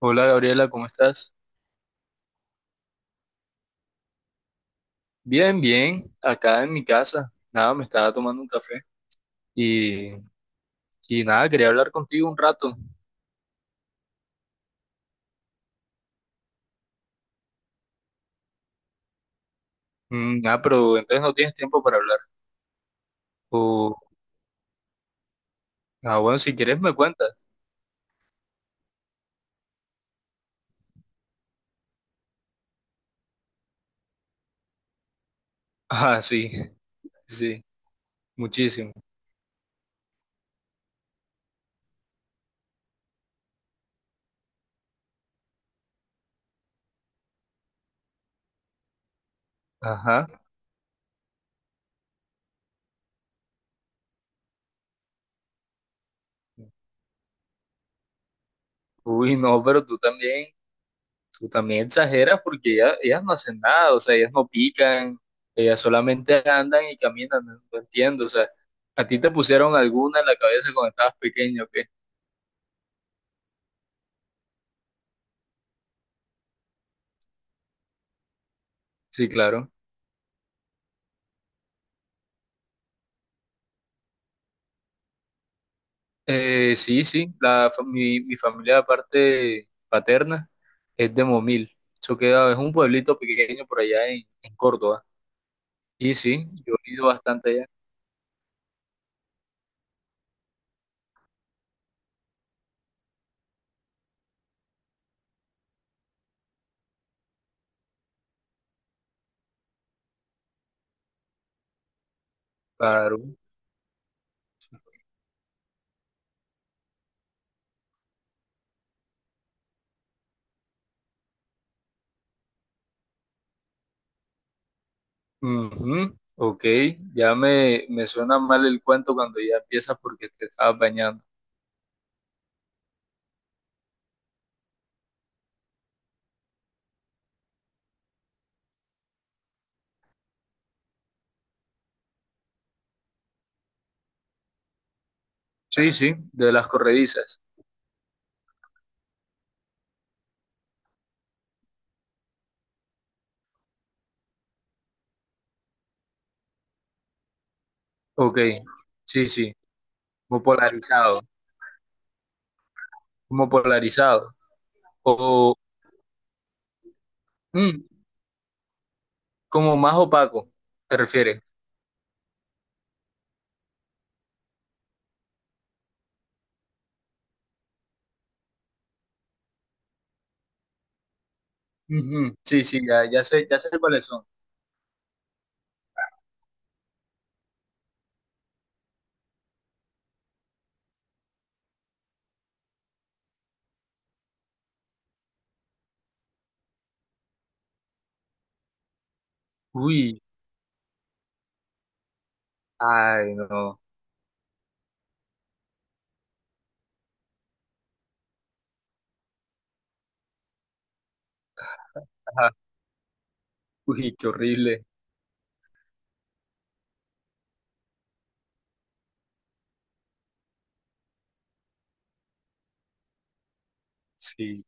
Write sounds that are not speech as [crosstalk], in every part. Hola Gabriela, ¿cómo estás? Bien, bien, acá en mi casa. Nada, me estaba tomando un café y, y nada, quería hablar contigo un rato. Mm, ah, pero entonces no tienes tiempo para hablar. O, ah, bueno, si quieres me cuentas. [laughs] Ah, sí, sí, muchísimo. Ajá. Uy, no, pero tú también exageras porque ellas no hacen nada, o sea, ellas no pican, ellas solamente andan y caminan, no, no entiendo, o sea, ¿a ti te pusieron alguna en la cabeza cuando estabas pequeño o qué? Sí, claro. Sí, sí, mi familia de parte paterna es de Momil. Eso queda, es un pueblito pequeño por allá en Córdoba. Y sí, yo he ido bastante allá. Claro. Ujú, ok, ya me suena mal el cuento cuando ya empiezas porque te estabas bañando. Sí, sí, de las corredizas. Ok, sí, sí, como polarizado, como polarizado. O mm, como más opaco, ¿te refieres? Ujú, sí, sí, ya, ya sé cuáles son. Uy, ay, no. Ajá. Uy, qué horrible. Sí,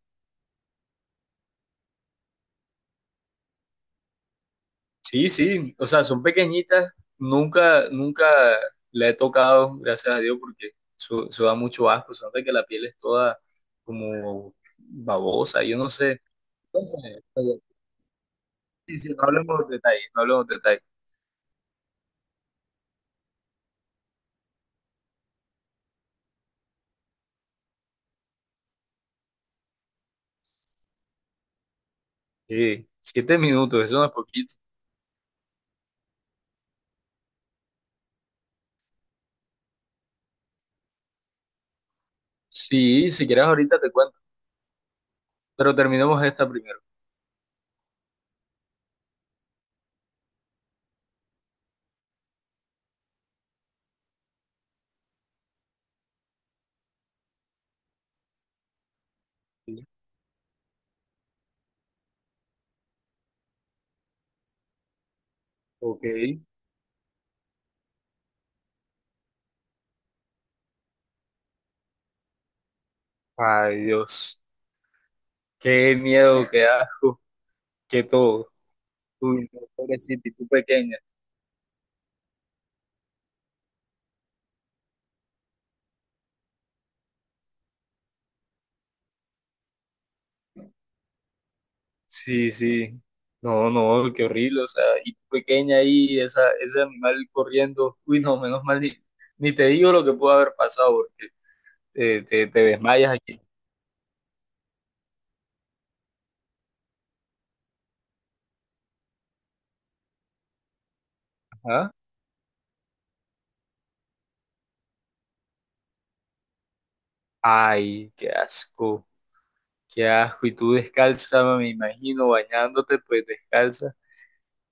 sí, sí. O sea, son pequeñitas. Nunca, nunca la he tocado, gracias a Dios, porque eso da mucho asco. Se nota que la piel es toda como babosa, yo no sé. Entonces, oye, sí, sí, no hablemos de detalles, no hablemos de detalles. Sí, 7 minutos, eso no es poquito. Sí, si quieres ahorita te cuento, pero terminemos esta primero. Sí. Ok. Ay, Dios. Qué miedo, qué asco, qué todo. Uy, no, pobrecita, y tú pequeña. Sí, sí. No, no, qué horrible, o sea, y tú pequeña ahí, esa, ese animal corriendo. Uy, no, menos mal, ni te digo lo que pudo haber pasado, porque te desmayas aquí. Ajá. Ay, qué asco, qué asco. Y tú descalza, me imagino, bañándote, pues descalza.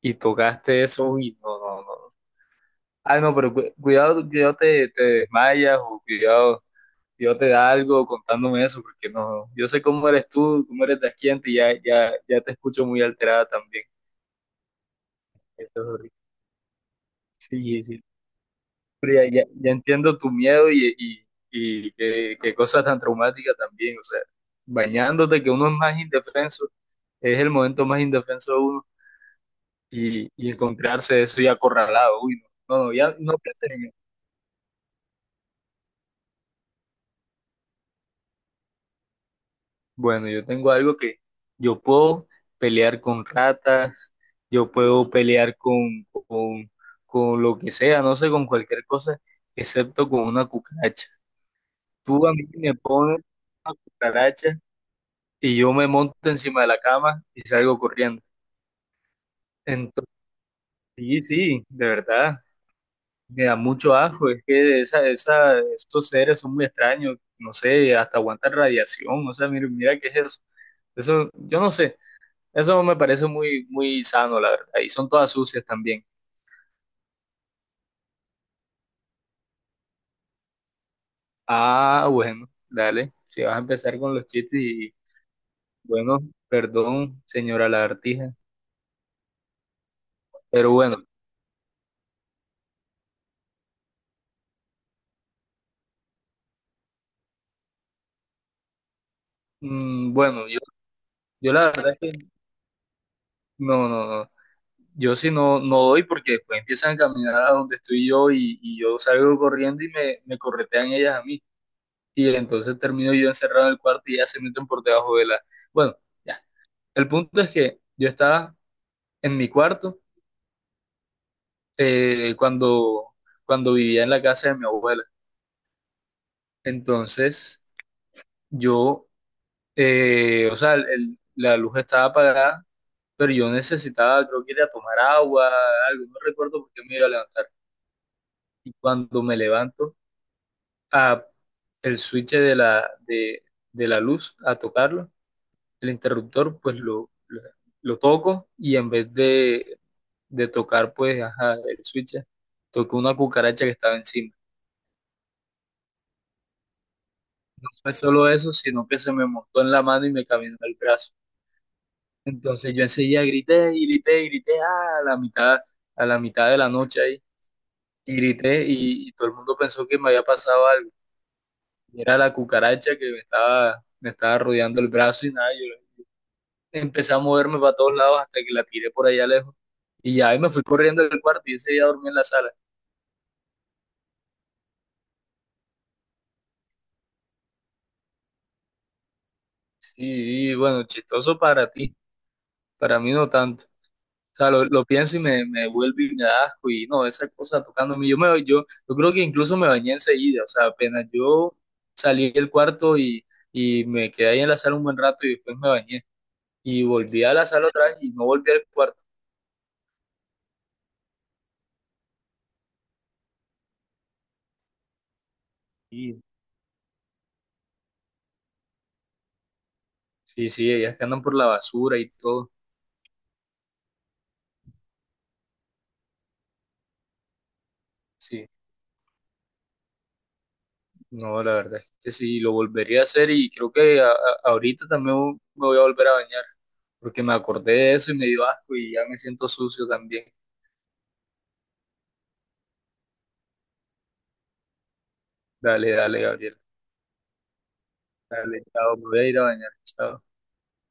Y tocaste eso, uy, no, no, no. Ah, no, pero cuidado, cuidado, te desmayas, o cuidado. Dios te da algo contándome eso, porque no, yo sé cómo eres tú, cómo eres de aquí antes, y ya, ya, ya te escucho muy alterada también. Eso es horrible. Sí, sí. Pero ya, ya, ya entiendo tu miedo y qué cosas tan traumáticas también. O sea, bañándote, que uno es más indefenso, es el momento más indefenso de uno y encontrarse eso y acorralado. Uy, no, no, no, ya no pensé. Bueno, yo tengo algo que yo puedo pelear con ratas, yo puedo pelear con lo que sea, no sé, con cualquier cosa, excepto con una cucaracha. Tú a mí me pones una cucaracha y yo me monto encima de la cama y salgo corriendo. Entonces, sí, sí, de verdad, me da mucho asco, es que estos seres son muy extraños, no sé, hasta aguantan radiación, o sea, mira, mira qué es eso. Eso, yo no sé. Eso me parece muy, muy sano, la verdad. Ahí son todas sucias también. Ah, bueno, dale. Si vas a empezar con los chistes y, bueno, perdón, señora lagartija. Pero bueno, bueno, yo la verdad es que no, no, no. Yo sí no doy porque después empiezan a caminar a donde estoy yo y yo salgo corriendo y me corretean ellas a mí. Y entonces termino yo encerrado en el cuarto y ellas se meten por debajo de la... Bueno, ya. El punto es que yo estaba en mi cuarto eh, cuando, cuando vivía en la casa de mi abuela. Entonces, yo, o sea, la luz estaba apagada, pero yo necesitaba, creo que ir a tomar agua, algo, no recuerdo por qué me iba a levantar. Y cuando me levanto, a el switch de la luz, a tocarlo, el interruptor, pues lo toco y en vez de tocar, pues, ajá, el switch, toco una cucaracha que estaba encima. Fue solo eso, sino que se me montó en la mano y me caminó el brazo. Entonces yo enseguida grité y grité y grité ah, a la mitad de la noche ahí, y grité y todo el mundo pensó que me había pasado algo. Y era la cucaracha que me estaba rodeando el brazo y nada, yo empecé a moverme para todos lados hasta que la tiré por allá lejos. Y ya ahí me fui corriendo del cuarto y ese día dormí en la sala. Sí, y bueno, chistoso para ti, para mí no tanto. O sea, lo pienso y me vuelve y me da asco y no, esa cosa tocándome. Yo creo que incluso me bañé enseguida, o sea, apenas yo salí del cuarto y me quedé ahí en la sala un buen rato y después me bañé. Y volví a la sala otra vez y no volví al cuarto. Y sí, sí, ellas que andan por la basura y todo. Sí, no, la verdad es que sí, lo volvería a hacer y creo que ahorita también me voy a volver a bañar porque me acordé de eso y me dio asco y ya me siento sucio también. Dale, dale, Gabriel. Al Estado Madeira, en el estado